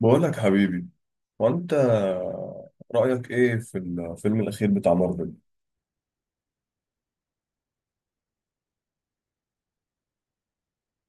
بقول لك حبيبي، وانت رأيك ايه في الفيلم الأخير بتاع مارفل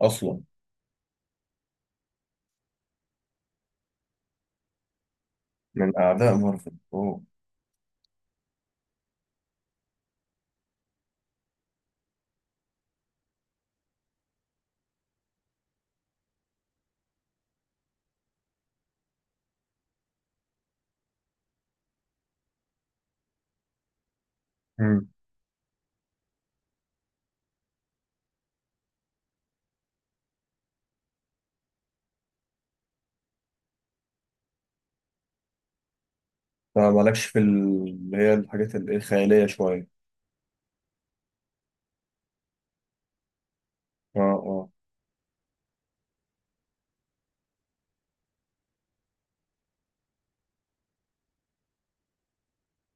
أصلا؟ من أعداء مارفل؟ أوه. مم. فمالكش في اللي هي الحاجات الخيالية شوية؟ اه، اه.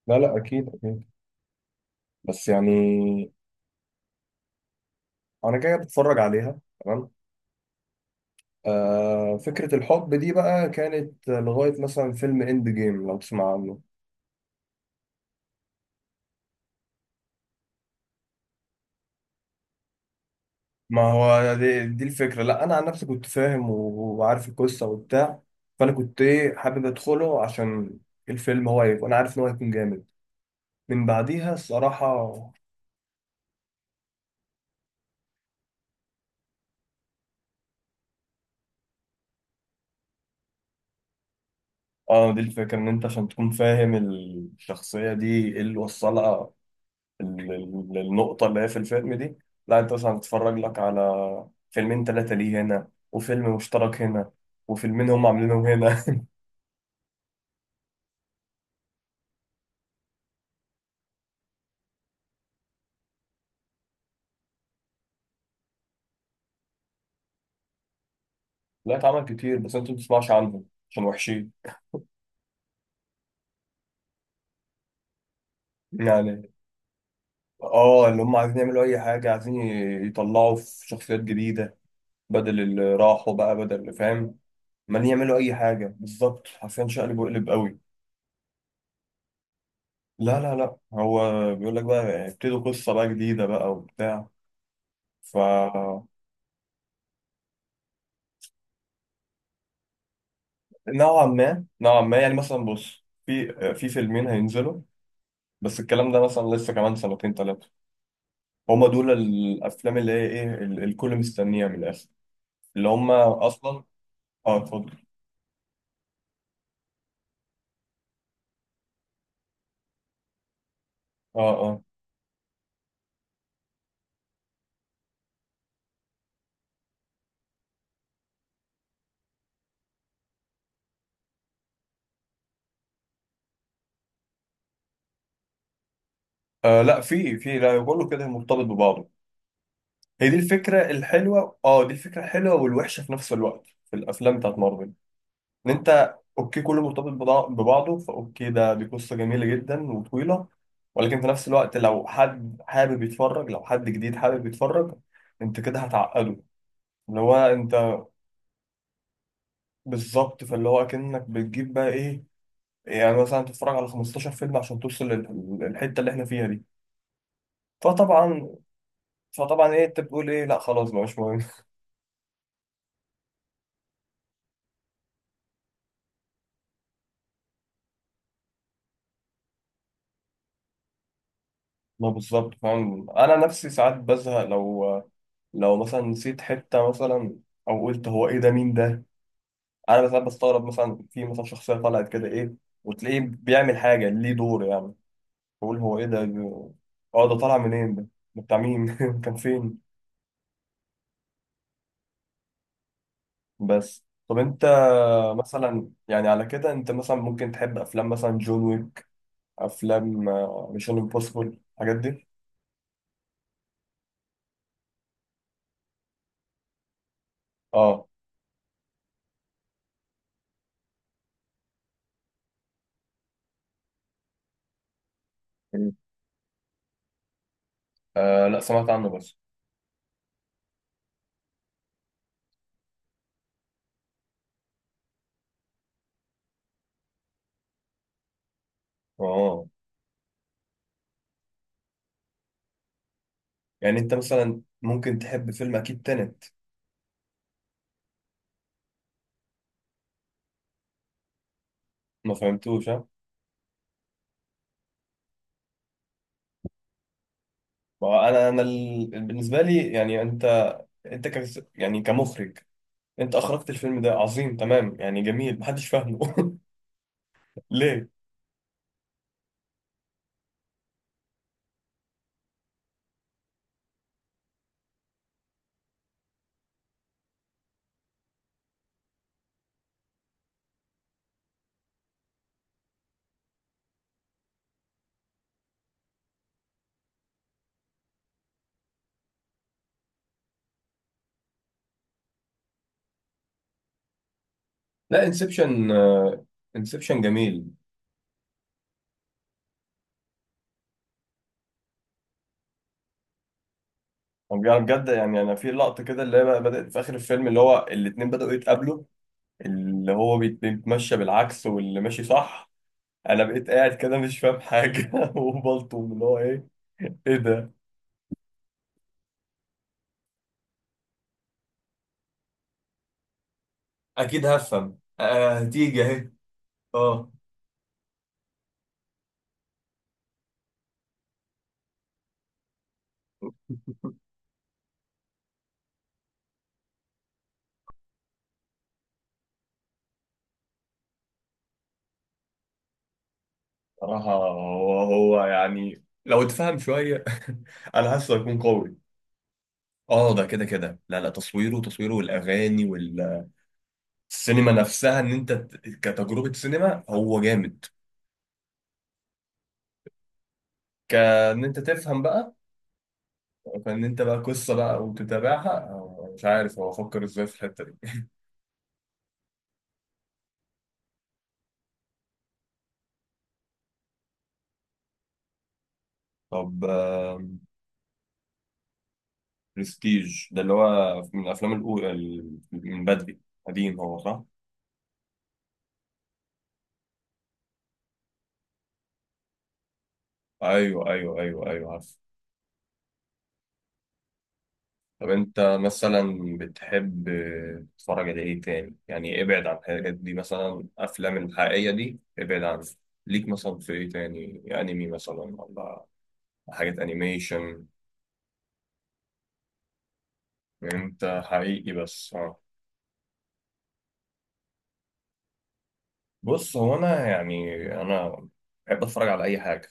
لا، لا، أكيد، أكيد. بس يعني أنا جاي بتفرج عليها. تمام. آه، فكرة الحب دي بقى كانت لغاية مثلا فيلم إند جيم، لو تسمع عنه. ما هو دي الفكرة. لا، أنا عن نفسي كنت فاهم وعارف القصة وبتاع. فأنا كنت حابب أدخله عشان الفيلم. هو هيبقى، أنا عارف إن هو هيكون جامد من بعديها الصراحة. آه، دي الفكرة إن أنت عشان تكون فاهم الشخصية دي إيه اللي وصلها، النقطة اللي هي في الفيلم دي. لا، أنت مثلا تتفرج لك على فيلمين تلاتة ليه هنا، وفيلم مشترك هنا، وفيلمين هم عاملينهم هنا. لا، اتعمل كتير بس أنت ما بتسمعش عنهم عشان وحشين. يعني اه، اللي هم عايزين يعملوا اي حاجه، عايزين يطلعوا في شخصيات جديده بدل اللي راحوا بقى، بدل اللي فاهم. ما يعملوا اي حاجه، بالظبط، حرفيا شقلب وقلب قوي. لا، لا، لا، هو بيقول لك بقى ابتدوا قصه بقى جديده بقى وبتاع. ف نوعا ما، نوعا ما، يعني مثلا بص، في فيلمين هينزلوا. بس الكلام ده مثلا لسه كمان سنتين ثلاثه. هما دول الافلام اللي هي الكل مستنيها من الاخر، اللي هما اصلا. اه، اتفضل. اه، اه. آه، لا، في لا، بقول له كده مرتبط ببعضه. هي دي الفكره الحلوه، اه، دي الفكره الحلوه والوحشه في نفس الوقت في الافلام بتاعت مارفل. ان انت اوكي كله مرتبط ببعضه، فاوكي ده دي قصه جميله جدا وطويله. ولكن في نفس الوقت، لو حد حابب يتفرج، لو حد جديد حابب يتفرج، انت كده هتعقده. اللي هو انت، بالظبط، فاللي هو كأنك بتجيب بقى ايه، يعني مثلا تتفرج على 15 فيلم عشان توصل للحته اللي احنا فيها دي. فطبعا، فطبعا ايه انت بتقول ايه؟ لا، خلاص بقى، مش مهم. ما بالظبط، فاهم، انا نفسي ساعات بزهق لو مثلا نسيت حته، مثلا او قلت هو ايه ده، مين ده؟ انا ساعات بستغرب مثلا، في مثلا شخصيه طلعت كده ايه وتلاقيه بيعمل حاجه، ليه دور يعني؟ بقول هو ايه ده، اه، ده طالع منين ده؟ ده بتاع مين؟ كان فين؟ بس طب انت، مثلا يعني على كده انت مثلا ممكن تحب افلام مثلا جون ويك، افلام ميشن امبوسيبل، الحاجات دي. اه. مم. آه، لا، سمعت عنه بس. اه، يعني انت مثلا ممكن تحب فيلم اكيد تنت. ما فهمتوش؟ ها؟ ما هو انا بالنسبه لي يعني انت، انت يعني كمخرج، انت اخرجت الفيلم ده عظيم، تمام يعني، جميل، محدش فاهمه ليه؟ لا، انسبشن، انسبشن جميل. يعني بجد، يعني انا في لقطه كده اللي هي بقى بدات في اخر الفيلم اللي هو الاتنين بداوا يتقابلوا، اللي هو بيتمشى بالعكس واللي ماشي صح. انا بقيت قاعد كده مش فاهم حاجه وبلطم اللي هو ايه، ايه ده؟ اكيد هفهم، آه، هتيجي اهي. اه. صراحة هو يعني لو اتفهم شوية، أنا حاسه هيكون قوي. اه، ده كده كده، لا، لا، تصويره، تصويره والأغاني والسينما نفسها، إن أنت كتجربة سينما هو جامد. كأن أنت تفهم بقى، كأن أنت بقى قصة بقى وتتابعها، أو مش عارف هو فكر إزاي في الحتة دي. طب. برستيج ده اللي هو من الأفلام الأولى، من بدري، قديم هو، صح؟ أيوه، أيوه، أيوه، أيوه. طب انت مثلا بتحب تتفرج على ايه تاني، يعني ابعد عن الحاجات دي، مثلا افلام الحقيقية دي، ابعد عن، ليك مثلا في ايه تاني؟ انمي مثلا؟ ولا حاجات انيميشن؟ انت حقيقي بس، اه. بص، هو انا يعني، انا بحب اتفرج على اي حاجة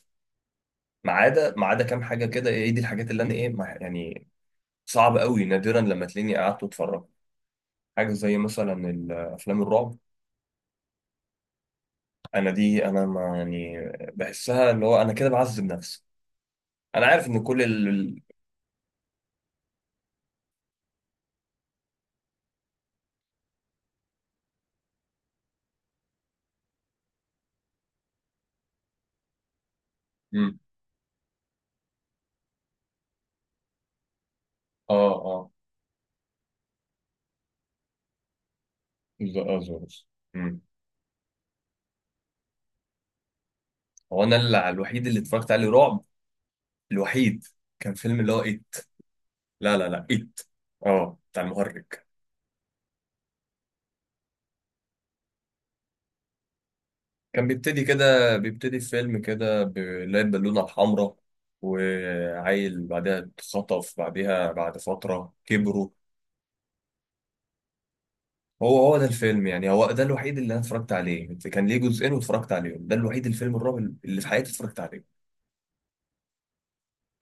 ما عدا ما عدا كام حاجة كده. ايه دي الحاجات اللي انا ايه يعني صعب قوي نادرا لما تلاقيني قعدت واتفرجت؟ حاجة زي مثلا الافلام الرعب، انا دي انا ما يعني بحسها اللي هو انا كده بعذب نفسي. انا عارف ان كل. مم. اه، اه. اه، زوز. مم. هو انا اللي الوحيد اللي اتفرجت عليه رعب، الوحيد، كان فيلم اللي هو ايت. لا، لا، لا، ايت. اه، بتاع المهرج. كان بيبتدي كده، بيبتدي الفيلم كده، بلاقي البالونة الحمراء، وعيل بعدها اتخطف، بعدها بعد فترة كبروا. هو هو ده الفيلم، يعني هو ده الوحيد اللي انا اتفرجت عليه، كان ليه جزئين واتفرجت عليهم. ده الوحيد الفيلم الرعب اللي في حياتي اتفرجت عليه.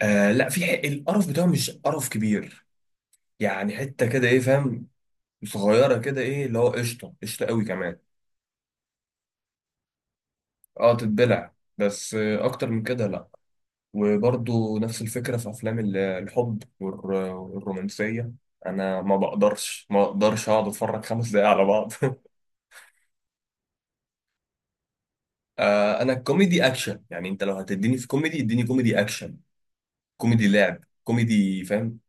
آه لا، في حق، القرف بتاعه مش قرف كبير يعني، حته كده ايه، فاهم؟ صغيره كده ايه اللي هو قشطه، قشطه قوي كمان. اه، تتبلع بس، آه اكتر من كده لا. وبرضه نفس الفكره في افلام الحب والرومانسيه. انا ما بقدرش اقعد اتفرج خمس دقايق على بعض آه، انا الكوميدي اكشن، يعني انت لو هتديني في كوميدي اديني كوميدي اكشن، كوميدي لعب، كوميدي، فاهم؟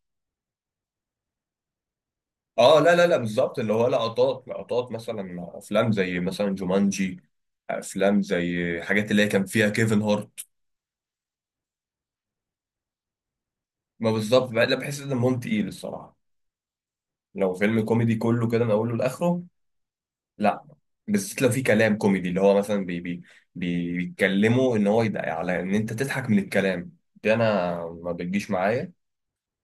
اه، لا، لا، لا، بالظبط، اللي هو لقطات، لقطات مثلا افلام زي مثلا جومانجي، افلام زي حاجات اللي هي كان فيها كيفن هارت. ما بالظبط لا، بحس ان دمهم تقيل الصراحه، لو فيلم كوميدي كله كده من اوله لاخره، لا. بالذات لو في كلام كوميدي اللي هو مثلا بيتكلموا ان هو يدعي على ان انت تضحك من الكلام. دي انا ما بتجيش معايا،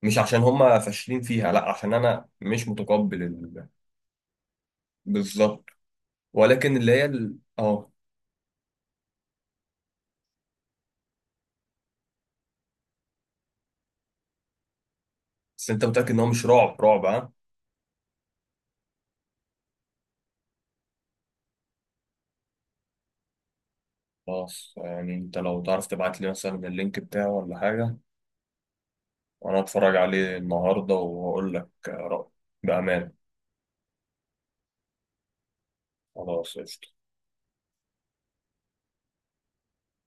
مش عشان هم فاشلين فيها، لا، عشان انا مش متقبل. بالظبط. ولكن اللي هي اه. بس انت متأكد ان هو مش رعب رعب؟ ها؟ خلاص، يعني انت لو تعرف تبعت لي مثلا اللينك بتاعه ولا حاجة، وانا اتفرج عليه النهاردة واقول لك رأيي بأمان. خلاص، قشطة.